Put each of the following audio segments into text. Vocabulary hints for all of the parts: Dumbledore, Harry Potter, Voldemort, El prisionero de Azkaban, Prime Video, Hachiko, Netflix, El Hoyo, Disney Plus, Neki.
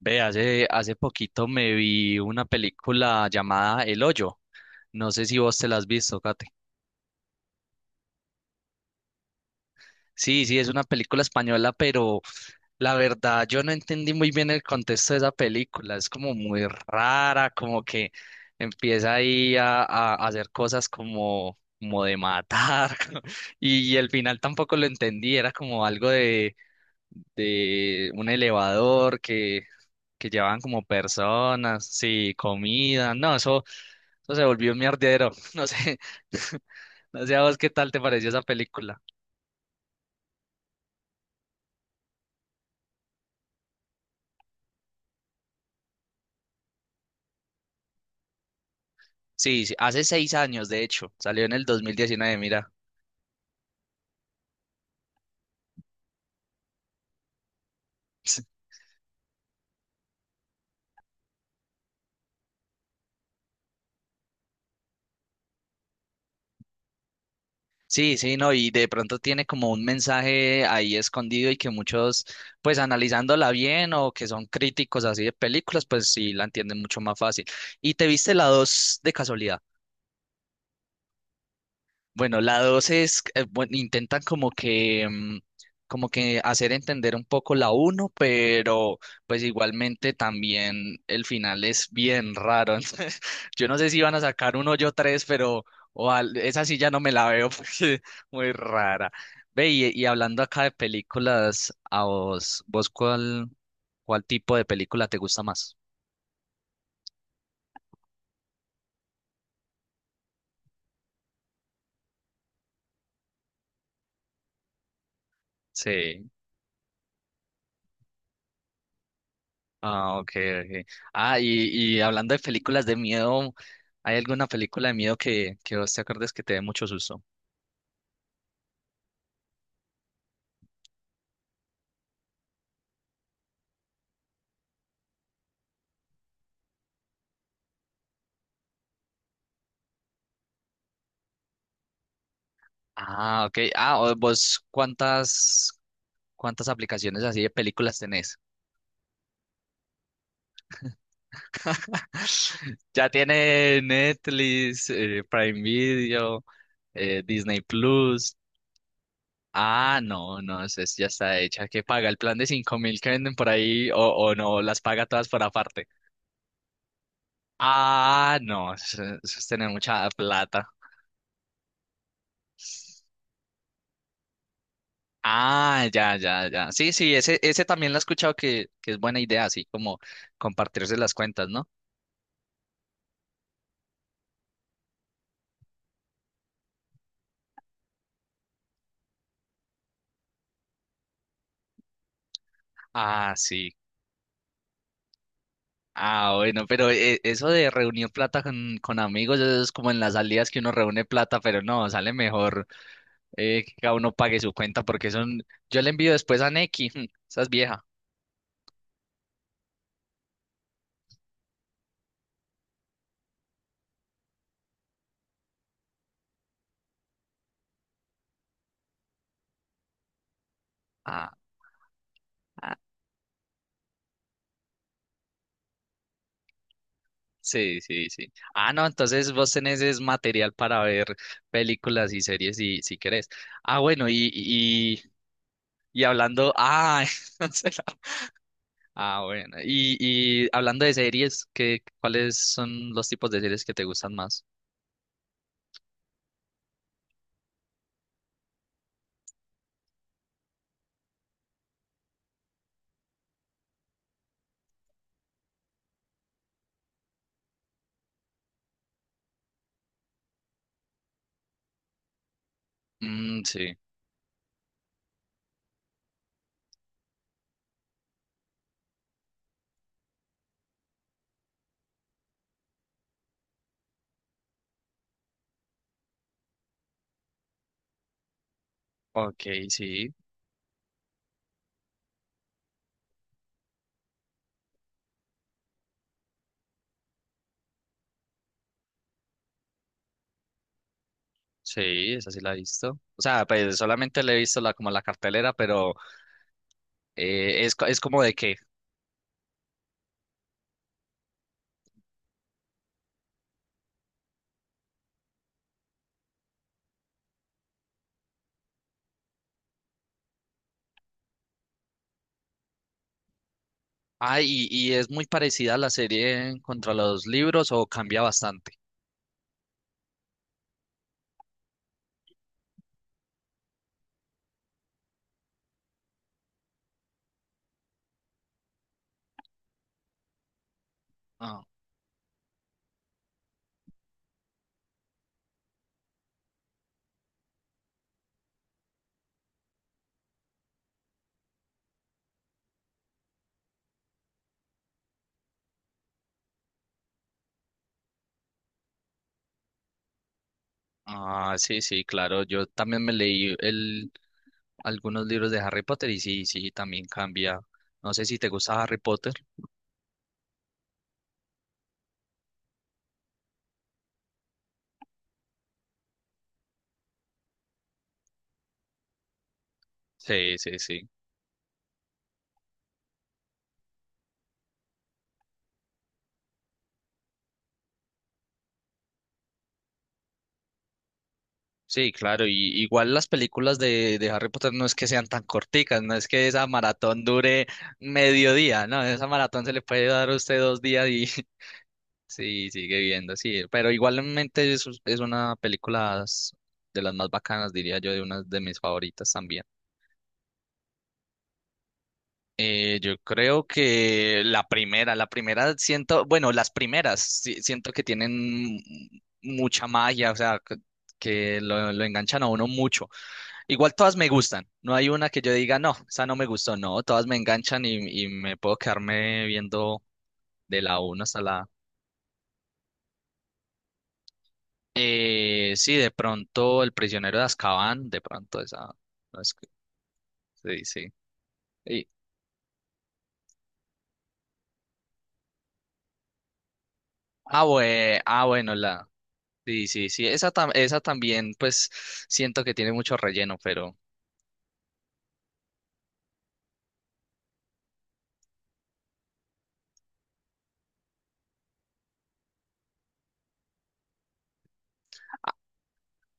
Ve, hace poquito me vi una película llamada El Hoyo. No sé si vos te la has visto, Kate. Sí, sí, es una película española, pero la verdad yo no entendí muy bien el contexto de esa película. Es como muy rara, como que empieza ahí a hacer cosas como de matar. Y el final tampoco lo entendí, era como algo de un elevador que llevaban como personas, sí, comida, no, eso se volvió un mierdero, no sé, no sé a vos qué tal te pareció esa película. Sí, sí, hace seis años, de hecho, salió en el 2019, mira. Sí, sí, no, y de pronto tiene como un mensaje ahí escondido y que muchos, pues analizándola bien o que son críticos así de películas, pues sí la entienden mucho más fácil. ¿Y te viste la dos de casualidad? Bueno, la dos es, bueno, intentan como que, como que hacer entender un poco la uno, pero pues igualmente también el final es bien raro. Entonces, yo no sé si van a sacar un hoyo tres, pero esa sí ya no me la veo porque muy rara. Ve, y hablando acá de películas, a vos, ¿ cuál tipo de película te gusta más? Sí. Ah, ok, ok. Ah, y hablando de películas de miedo, ¿hay alguna película de miedo que vos te acuerdes que te dé mucho susto? Ah, ok. Ah, vos, ¿ cuántas aplicaciones así de películas tenés? Ya tiene Netflix, Prime Video, Disney Plus. Ah, no, no, ya está hecha. ¿Qué paga? ¿El plan de 5 mil que venden por ahí o no? ¿Las paga todas por aparte? Ah, no, eso es tener mucha plata. Ah, ya, ya, ya. Sí, sí, ese también lo he escuchado que es buena idea, así como compartirse las cuentas, ¿no? Ah, sí. Ah, bueno, pero eso de reunir plata con amigos eso es como en las salidas que uno reúne plata, pero no, sale mejor que cada uno pague su cuenta porque son... Yo le envío después a Neki, esa es vieja. Ah, ah, sí, sí, sí. Ah, no, entonces vos tenés es material para ver películas y series si querés. Ah, bueno, y Y hablando, entonces, ah, bueno. Y hablando de series, ¿ cuáles son los tipos de series que te gustan más? Sí, ok, sí, sí, esa sí la he visto. O sea, pues solamente le he visto la, como la cartelera, pero es como de que, y es muy parecida a la serie contra los libros o cambia bastante. Ah, ah, sí, sí, claro, yo también me leí algunos libros de Harry Potter y sí, sí, también cambia. No sé si te gusta Harry Potter. Sí, sí, sí. Sí, claro, y igual las películas de Harry Potter no es que sean tan corticas, no es que esa maratón dure mediodía, no, esa maratón se le puede dar a usted dos días y sí, sigue viendo, sí, pero igualmente es una película de las más bacanas, diría yo, de una de mis favoritas también. Yo creo que la primera siento, bueno, las primeras siento que tienen mucha magia, o sea, que lo enganchan a uno mucho. Igual todas me gustan. No hay una que yo diga, no, esa no me gustó. No, todas me enganchan y me puedo quedarme viendo de la 1 hasta la... sí, de pronto El prisionero de Azkaban, de pronto esa... No es que- sí, sí. Y- ah, ah, bueno, la... Sí, sí, sí. Esa, esa también, pues, siento que tiene mucho relleno, pero...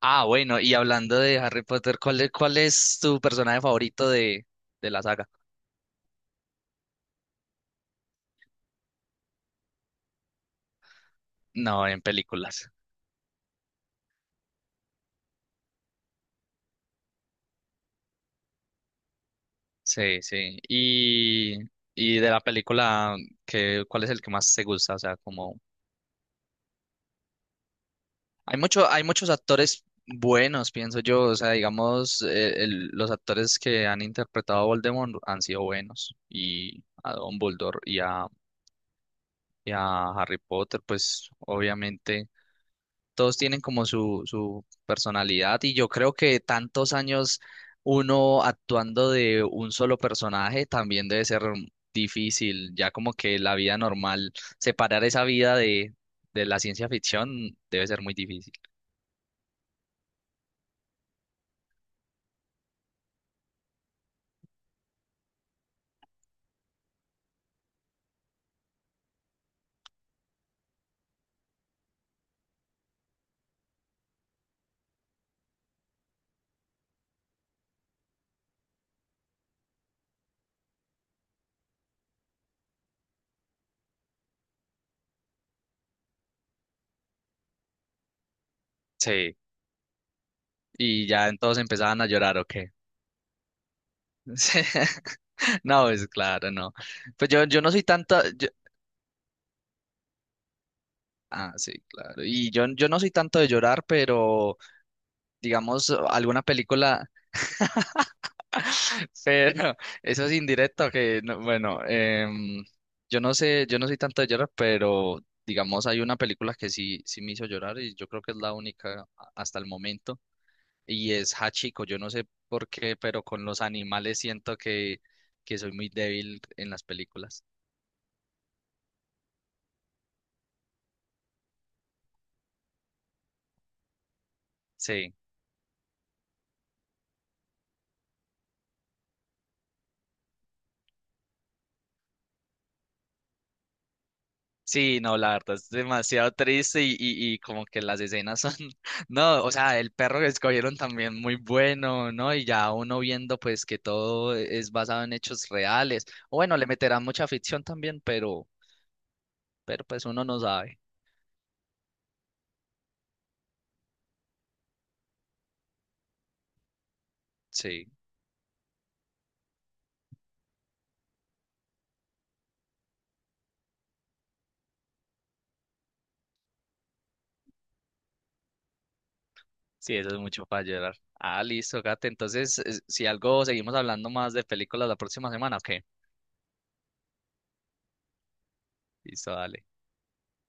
Ah, bueno, y hablando de Harry Potter, ¿ cuál es tu personaje favorito de la saga? No, en películas. Sí, sí. Y de la película, ¿ cuál es el que más te gusta? O sea, como hay mucho, hay muchos actores buenos, pienso yo. O sea, digamos, los actores que han interpretado a Voldemort han sido buenos. Y a Dumbledore y a Harry Potter, pues obviamente. Todos tienen como su personalidad y yo creo que tantos años uno actuando de un solo personaje también debe ser difícil, ya como que la vida normal, separar esa vida de la ciencia ficción debe ser muy difícil. Sí, y ya entonces empezaban a llorar, ¿o qué? Sí. No, es claro, no. Pues yo no soy tanto... Ah, sí, claro. Y yo no soy tanto de llorar, pero digamos, alguna película, pero eso es indirecto que, bueno, yo no sé, yo no soy tanto de llorar, pero digamos hay una película que sí, sí me hizo llorar y yo creo que es la única hasta el momento y es Hachiko. Yo no sé por qué, pero con los animales siento que soy muy débil en las películas. Sí. Sí, no, la verdad es demasiado triste y como que las escenas son, no, o sea, el perro que escogieron también muy bueno, ¿no? Y ya uno viendo pues que todo es basado en hechos reales. O bueno, le meterán mucha ficción también, pero pues uno no sabe. Sí, sí, eso es mucho para llorar. Ah, listo, Gate. Entonces, si algo, seguimos hablando más de películas la próxima semana, ¿o qué? Listo, dale.